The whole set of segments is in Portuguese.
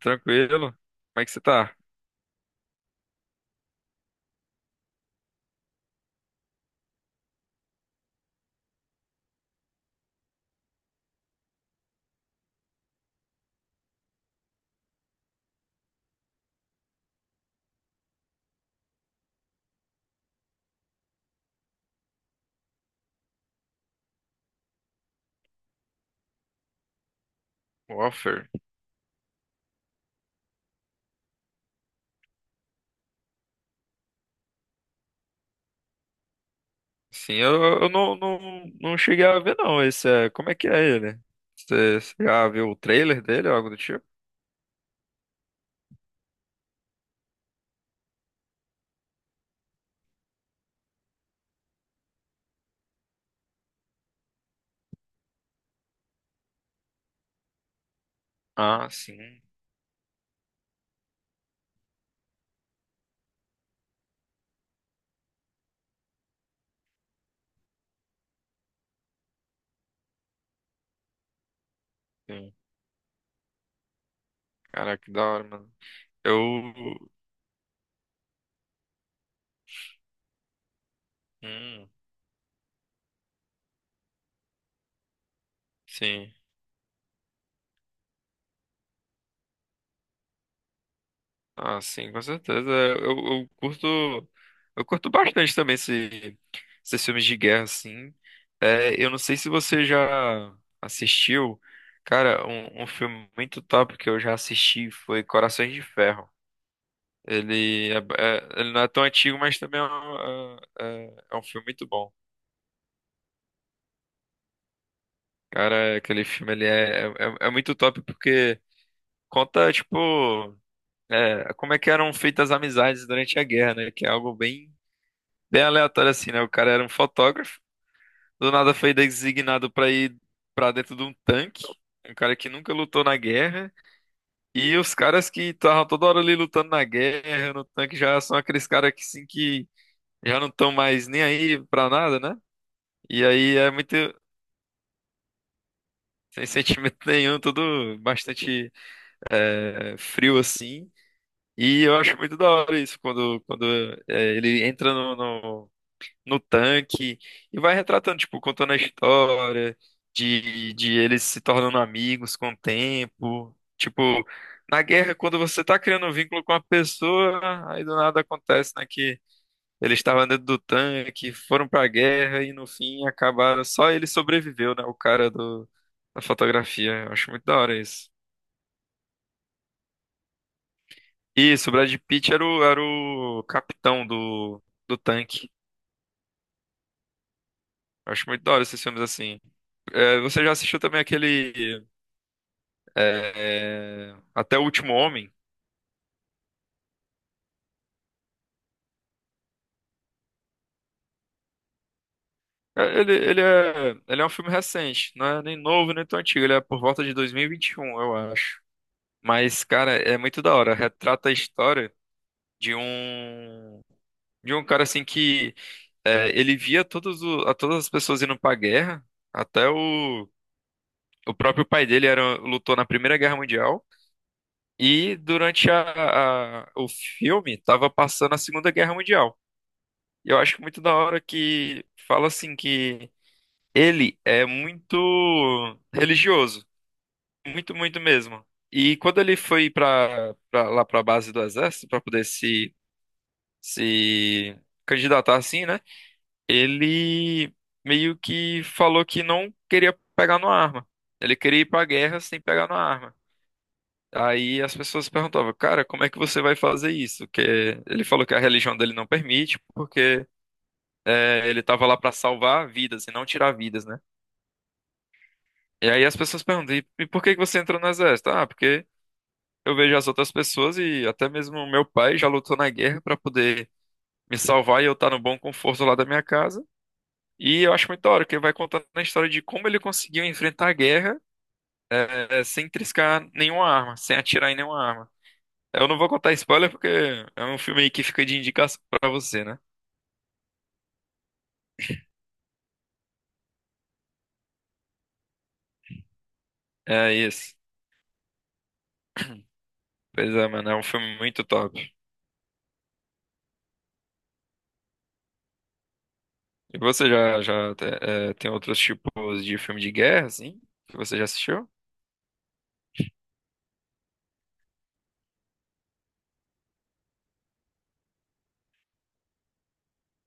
Tranquilo? Como é que você tá? Warfare? Sim, eu não cheguei a ver não. Esse é, como é que é ele? Você já viu o trailer dele ou algo do tipo? Ah, sim. Sim. Caraca, que da hora, mano. Eu. Hum, sim. Ah, sim, com certeza. Eu curto bastante também esses filmes de guerra, assim. É, eu não sei se você já assistiu, cara, um filme muito top que eu já assisti foi Corações de Ferro. Ele não é tão antigo, mas também é um filme muito bom. Cara, aquele filme ele é muito top porque conta, tipo, como é que eram feitas as amizades durante a guerra, né? Que é algo bem bem aleatório assim, né? O cara era um fotógrafo, do nada foi designado pra ir pra dentro de um tanque, um cara que nunca lutou na guerra, e os caras que estavam toda hora ali lutando na guerra, no tanque, já são aqueles caras que sim que já não estão mais nem aí pra nada, né? E aí é muito sem sentimento nenhum, tudo bastante frio assim. E eu acho muito da hora isso, quando, quando ele entra no tanque e vai retratando, tipo, contando a história de eles se tornando amigos com o tempo. Tipo, na guerra, quando você tá criando um vínculo com uma pessoa, aí do nada acontece, né, que eles estavam dentro do tanque, foram pra guerra e no fim acabaram, só ele sobreviveu, né, o cara do, da fotografia. Eu acho muito da hora isso. Isso, o Brad Pitt era o capitão do tanque. Eu acho muito da hora esses filmes assim. É, você já assistiu também aquele. É, Até o Último Homem. É, Ele, ele é um filme recente, não é nem novo, nem tão antigo. Ele é por volta de 2021, eu acho. Mas, cara, é muito da hora. Retrata a história de um de um cara assim que ele via a todas as pessoas indo pra guerra. Até o próprio pai dele lutou na Primeira Guerra Mundial. E durante o filme, tava passando a Segunda Guerra Mundial. E eu acho muito da hora que fala assim que. Ele é muito religioso, muito, muito mesmo. E quando ele foi para lá para a base do exército para poder se candidatar assim, né? Ele meio que falou que não queria pegar numa arma. Ele queria ir para a guerra sem pegar numa arma. Aí as pessoas perguntavam, cara, como é que você vai fazer isso? Que ele falou que a religião dele não permite, porque ele estava lá para salvar vidas e não tirar vidas, né? E aí as pessoas perguntam, e por que que você entrou no exército? Ah, porque eu vejo as outras pessoas e até mesmo o meu pai já lutou na guerra pra poder me salvar e eu estar no bom conforto lá da minha casa. E eu acho muito da hora, que ele vai contando a história de como ele conseguiu enfrentar a guerra sem triscar nenhuma arma, sem atirar em nenhuma arma. Eu não vou contar spoiler porque é um filme aí que fica de indicação pra você, né? É isso. Pois é, mano, é um filme muito top. E você já tem outros tipos de filme de guerra, assim, que você já assistiu?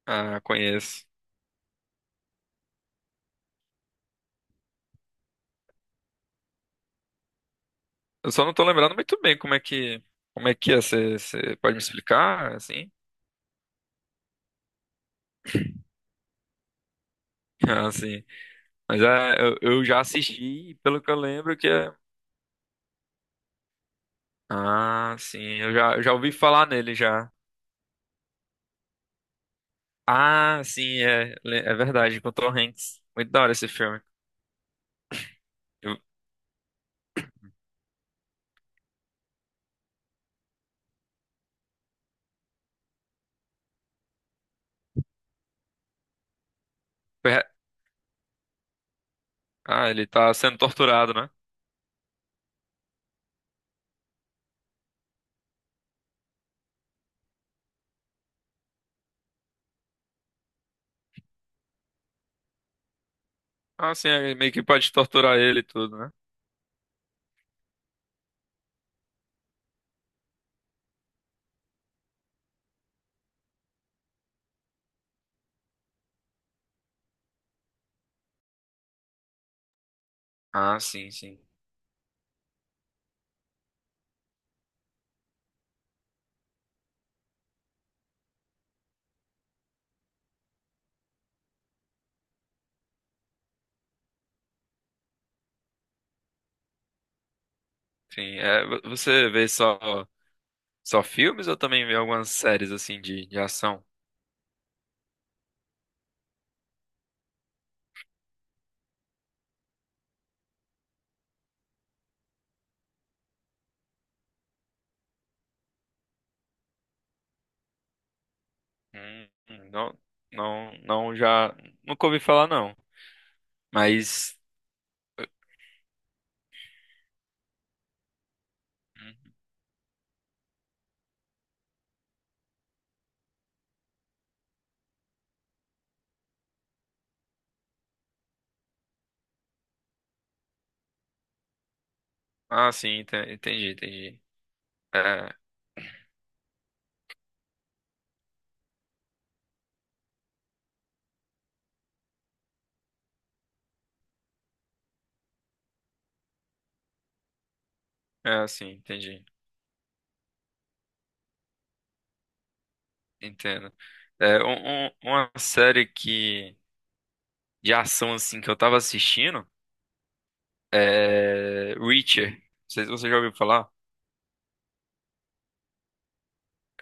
Ah, conheço. Eu só não tô lembrando muito bem como é que é. Você pode me explicar, assim? Ah, sim. Mas é, eu já assisti, e pelo que eu lembro que é. Ah, sim. Eu já ouvi falar nele já. Ah, sim, é verdade, com o Tom Hanks. Muito da hora esse filme. Eu- é- ah, ele tá sendo torturado, né? Ah, sim, meio que pode torturar ele e tudo, né? Ah, sim, sim. Sim, você vê só filmes ou também vê algumas séries assim de ação? Hum, não, não, já nunca ouvi falar não. Mas, hum, ah, sim, entendi, entendi. É, é, sim, entendi, entendo. É, uma série que de ação assim que eu tava assistindo é Reacher. Não sei se você já ouviu falar.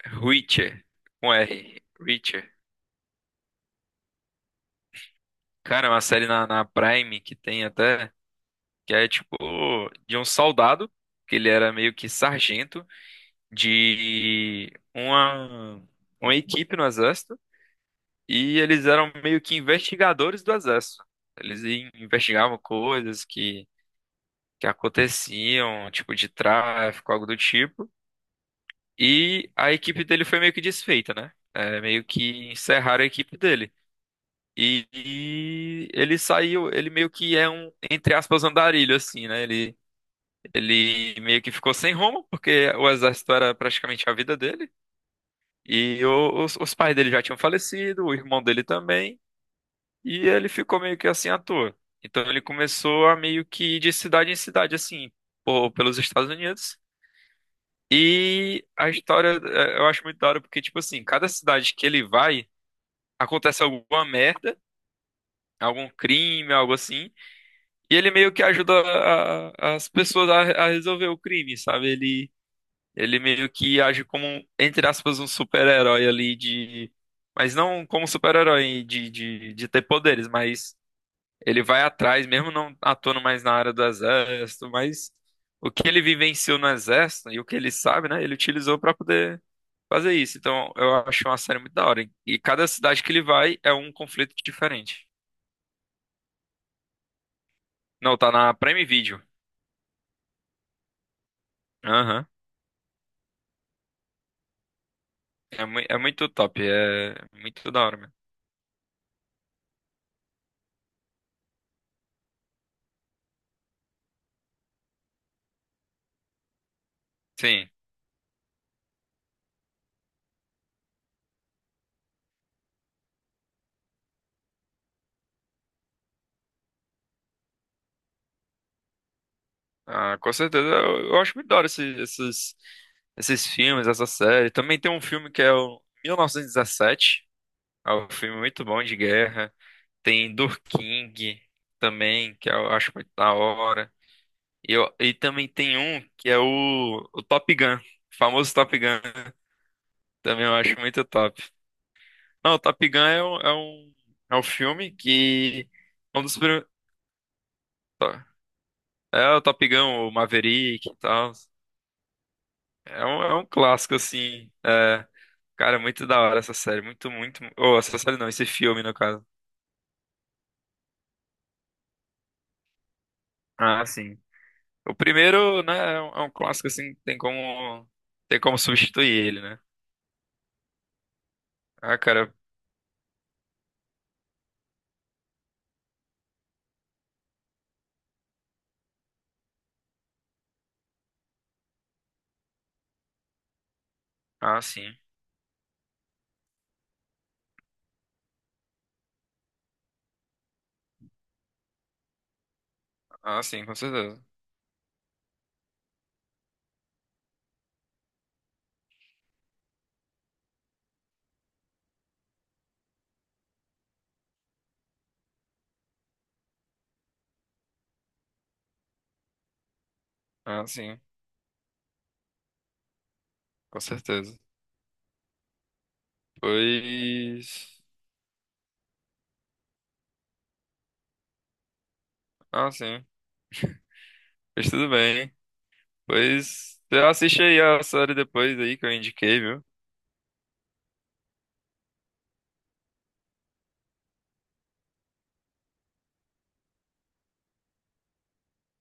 Reacher, com R, Reacher. Cara, é uma série na Prime que tem até que é tipo de um soldado que ele era meio que sargento, de uma equipe no exército, e eles eram meio que investigadores do exército. Eles investigavam coisas que aconteciam, tipo de tráfico, algo do tipo. E a equipe dele foi meio que desfeita, né? É, meio que encerraram a equipe dele. E ele saiu, ele meio que é um, entre aspas, andarilho, assim, né? Ele meio que ficou sem rumo, porque o exército era praticamente a vida dele. E os pais dele já tinham falecido, o irmão dele também, e ele ficou meio que assim à toa. Então ele começou a meio que ir de cidade em cidade, assim, por pelos Estados Unidos. E a história eu acho muito da hora, porque, tipo assim, cada cidade que ele vai, acontece alguma merda, algum crime, algo assim, e ele meio que ajuda as pessoas a resolver o crime, sabe? Ele meio que age como, um, entre aspas, um super-herói ali de. Mas não como super-herói de ter poderes, mas ele vai atrás, mesmo não atuando mais na área do exército, mas o que ele vivenciou no exército e o que ele sabe, né? Ele utilizou pra poder fazer isso. Então eu acho uma série muito da hora. E cada cidade que ele vai é um conflito diferente. Não, tá na Prime Video. Aham. É, é muito top, é muito da hora, mesmo. Sim. Ah, com certeza. Eu acho muito da hora esses filmes, essa série. Também tem um filme que é o 1917. É um filme muito bom de guerra. Tem Do King também, que eu acho muito da hora. E também tem um que é o Top Gun. O famoso Top Gun. Também eu acho muito top. Não, o Top Gun é um, filme que... É um dos primeiros... É o Top Gun, o Maverick e tal. É um clássico, assim. É. Cara, muito da hora essa série. Muito, muito. Ou essa série não, esse filme, no caso. Ah, sim. O primeiro, né, é um clássico, assim, tem como. Tem como substituir ele, né? Ah, cara. Ah, sim. Ah, sim, com certeza. Ah, sim, com certeza. Pois. Ah, sim. Pois tudo bem. Pois. Você assiste aí a série depois aí que eu indiquei, viu?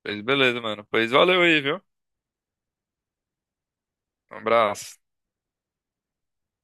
Pois beleza, mano. Pois valeu aí, viu? Um abraço.